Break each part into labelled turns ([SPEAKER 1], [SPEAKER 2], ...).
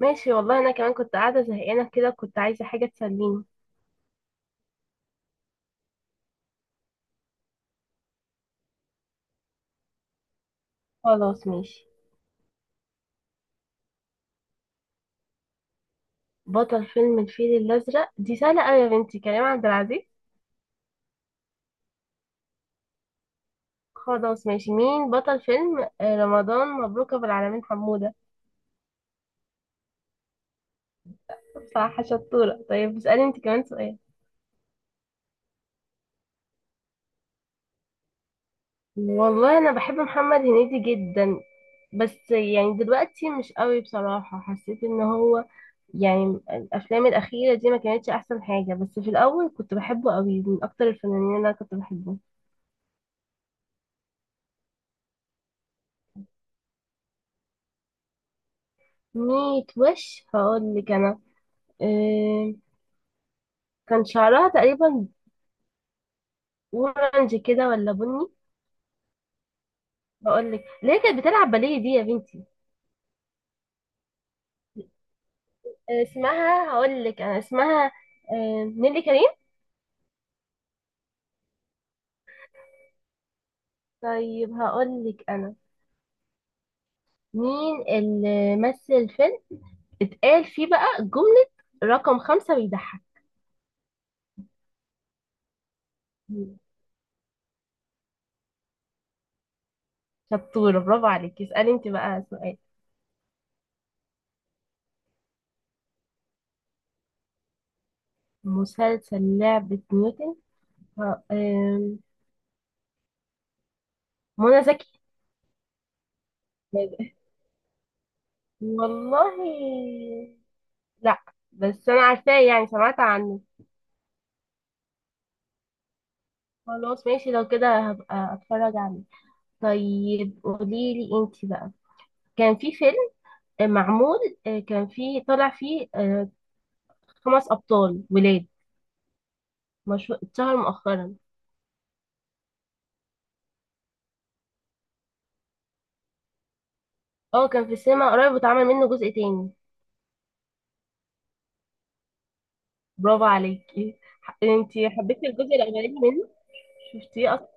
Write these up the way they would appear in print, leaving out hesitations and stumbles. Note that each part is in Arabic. [SPEAKER 1] ماشي والله انا كمان كنت قاعده زهقانه كده، كنت عايزه حاجه تسليني. خلاص ماشي. بطل فيلم الفيل الازرق دي سهله قوي يا بنتي، كريم عبد العزيز. خلاص ماشي، مين بطل فيلم رمضان مبروك ابو العالمين حموده؟ صح، شطوره. طيب اسالي انت كمان سؤال. والله انا بحب محمد هنيدي جدا. بس يعني دلوقتي مش قوي بصراحه، حسيت ان هو يعني الافلام الاخيره دي ما كانتش احسن حاجه. بس في الاول كنت بحبه قوي، من اكتر الفنانين اللي انا كنت بحبه. ميت وش، هقول لك انا. إيه، كان شعرها تقريبا اورنج كده ولا بني؟ هقول لك ليه، كانت بتلعب باليه دي يا بنتي. إيه اسمها، هقول لك انا اسمها. إيه، نيلي كريم. طيب هقول لك انا مين اللي مثل فيلم اتقال فيه بقى جملة رقم 5 بيضحك. مين؟ شطورة، برافو عليك. اسألي انت بقى سؤال. مسلسل لعبة نيوتن. إيه، منى زكي. والله لا، بس انا عارفاه، يعني سمعت عنه. خلاص ماشي، لو كده هبقى اتفرج عليه. طيب قوليلي انتي بقى. كان في فيلم معمول، كان فيه طلع فيه 5 ابطال ولاد، مشهور اتشهر مؤخرا. اه كان في السينما قريب، واتعمل منه جزء تاني. برافو عليكي، انتي حبيتي الجزء الاولاني منه؟ شفتيه اصلا؟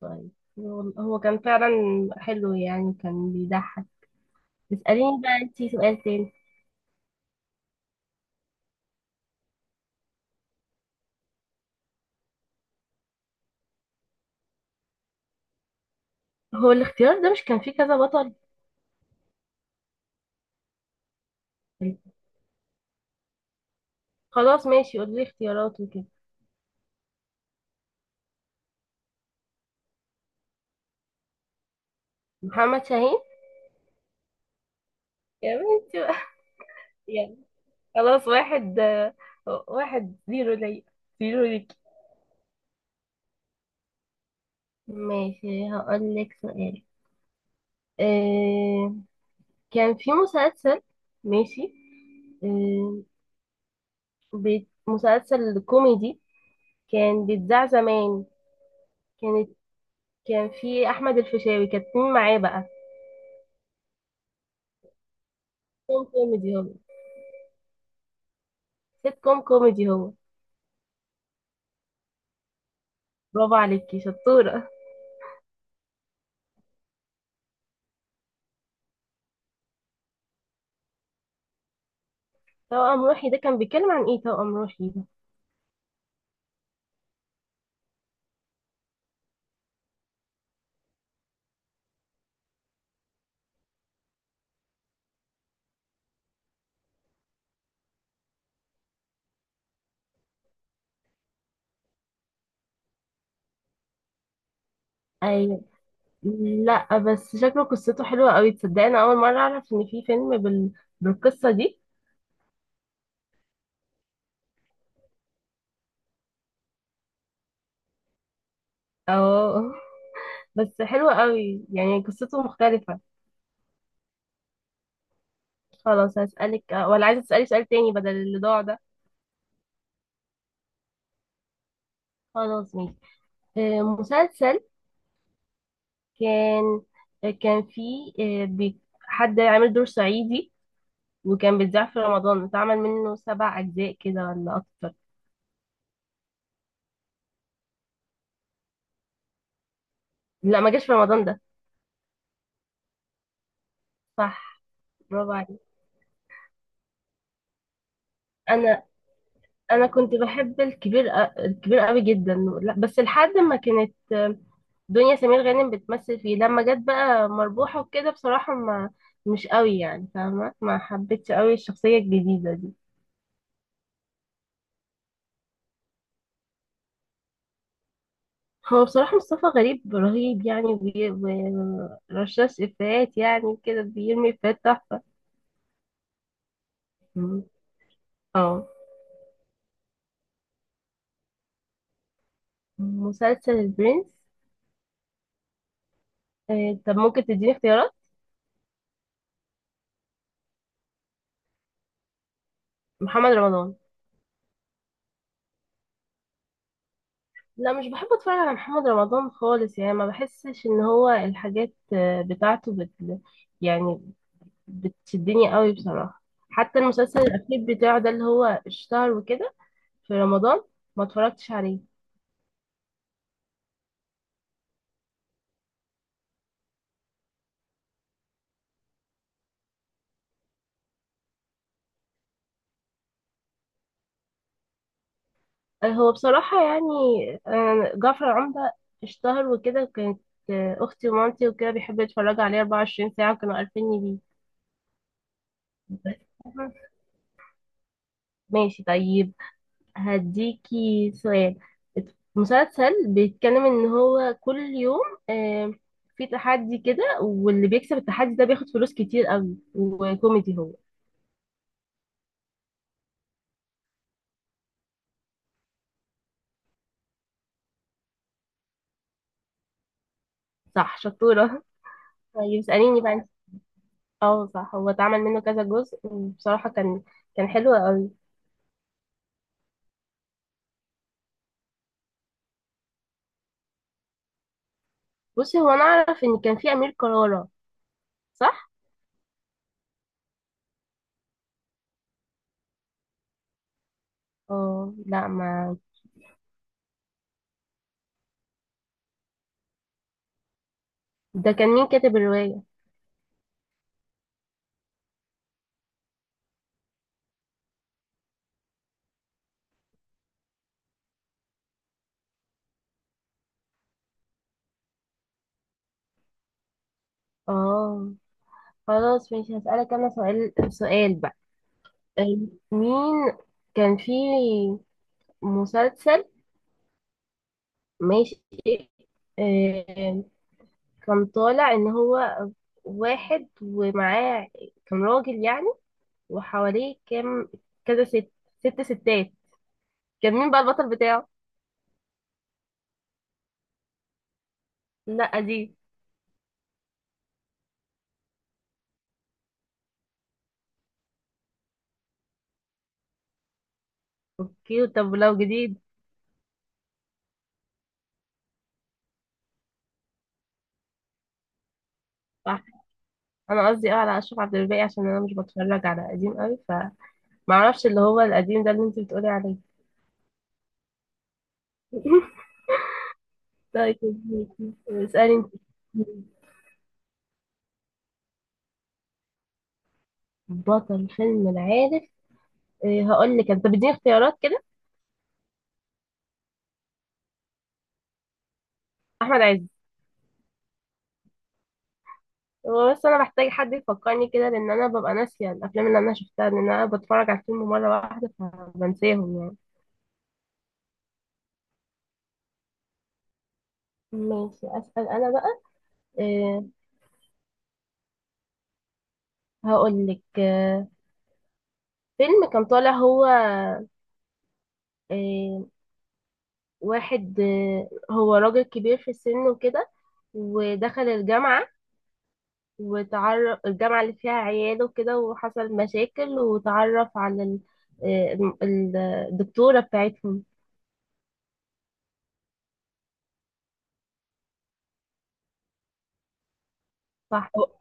[SPEAKER 1] طيب. هو كان فعلا حلو، يعني كان بيضحك. اسأليني بقى انتي سؤال تاني. هو الاختيار ده مش كان فيه كذا بطل؟ خلاص ماشي، قولي لي اختيارات وكده. محمد شاهين. يا بنتي بقى. يعني خلاص، واحد 1-0 ليا، زيرو ليك. ماشي هقول لك سؤال. آه كان في مسلسل، ماشي، آه مسلسل كوميدي كان بيتذاع زمان. كانت، كان في احمد الفيشاوي، كانت مين معاه بقى؟ سيت كوم كوميدي هو. سيت كوم كوميدي هو. برافو عليكي شطورة. توأم روحي ده كان بيتكلم عن ايه، توأم روحي ده؟ أيوة. لا بس شكله قصته حلوة قوي. تصدق انا اول مرة اعرف ان في فيلم بالقصة دي. اه بس حلوة قوي، يعني قصته مختلفة. خلاص هسألك، ولا عايزة تسألي سؤال تاني بدل اللي ضاع ده؟ خلاص ماشي. مسلسل كان كان فيه حد عامل دور صعيدي، وكان بيتذاع في رمضان، اتعمل منه 7 اجزاء كده ولا اكتر. لا ما جاش في رمضان ده. صح، برافو عليك. انا انا كنت بحب الكبير، الكبير قوي جدا. لا، بس لحد ما كانت دنيا سمير غانم بتمثل فيه، لما جت بقى مربوحة وكده بصراحة ما، مش قوي يعني فاهمة، ما حبيتش قوي الشخصية الجديدة دي. هو بصراحة مصطفى غريب رهيب يعني، ورشاش إفيهات، يعني كده بيرمي إفيهات تحفة. مم. اه. مسلسل البرنس. طب ممكن تديني اختيارات؟ محمد رمضان. لا مش بحب اتفرج على محمد رمضان خالص، يعني ما بحسش ان هو الحاجات بتاعته يعني بتشدني قوي بصراحة. حتى المسلسل الاخير بتاعه ده اللي هو اشتهر وكده في رمضان ما اتفرجتش عليه. هو بصراحة يعني، جعفر العمدة اشتهر وكده، كانت اختي ومامتي وكده بيحبوا يتفرجوا عليه 24 ساعة، وكانوا عارفيني بيه. ماشي طيب، هديكي سؤال. مسلسل بيتكلم ان هو كل يوم آه، في تحدي كده، واللي بيكسب التحدي ده بياخد فلوس كتير قوي، وكوميدي هو. صح، شطورة. طيب اسأليني بقى انت. اه صح، هو اتعمل منه كذا جزء، وبصراحة كان حلو قوي. بصي هو انا اعرف ان كان في امير كرارة، صح؟ اه لا ما، ده كان مين كاتب الرواية؟ اه خلاص ماشي، هسألك انا سؤال سؤال بقى. آه، مين كان في مسلسل، ماشي، آه، كان طالع ان هو واحد ومعاه، كان راجل يعني، وحواليه كام، كذا ست، ست ستات. كان مين بقى البطل بتاعه؟ لا دي، كيوت. طب ولو جديد؟ صح، انا قصدي اه على اشرف عبد الباقي، عشان انا مش بتفرج على قديم قوي، فمعرفش اللي هو القديم ده اللي انت بتقولي عليه. طيب اسألي انت. بطل فيلم العارف، هقول لك، انت بتديني اختيارات كده. احمد عز. هو بس انا محتاج حد يفكرني كده، لان انا ببقى ناسيه الافلام اللي انا شفتها، لان انا بتفرج على الفيلم مره واحده فبنساهم يعني. ماشي اسال انا بقى. أه، هقول لك، أه، فيلم كان طالع هو، أه، واحد، أه، هو راجل كبير في السن وكده، ودخل الجامعه، وتعرف الجامعه اللي فيها عياله وكده، وحصل مشاكل، وتعرف على آه، الم- الدكتوره بتاعتهم. صح.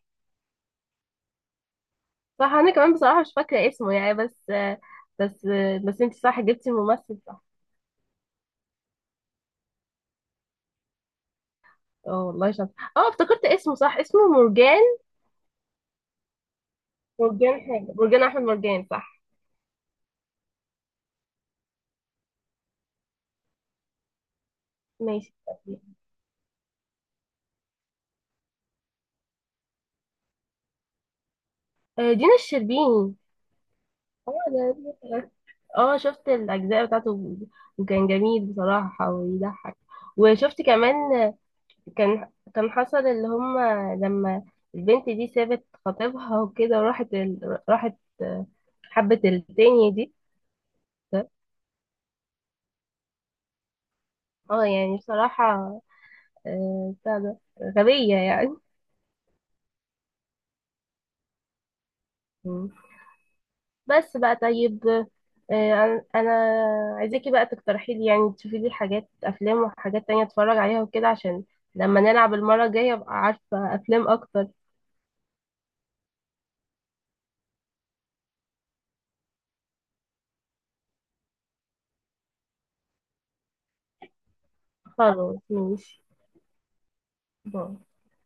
[SPEAKER 1] صح، انا كمان بصراحه مش فاكره اسمه يعني، بس بس انت صح جبتي الممثل، صح. اه والله شاطر، اه افتكرت اسمه، صح، اسمه مرجان. مرجان حاجه، مرجان احمد مرجان، صح. ماشي. دينا الشربيني. اه اه شفت الاجزاء بتاعته، وكان جميل بصراحه ويضحك. وشفت كمان كان حصل اللي هم، لما البنت دي سابت خطيبها وكده وراحت راحت، حبت التانية دي. اه يعني بصراحة، بتاع ده غبية يعني. مم. بس بقى طيب، انا عايزاكي بقى تقترحي لي، يعني تشوفي لي حاجات افلام وحاجات تانية اتفرج عليها وكده، عشان لما نلعب المرة الجاية ابقى عارفة افلام اكتر. خلاص ماشي، باي.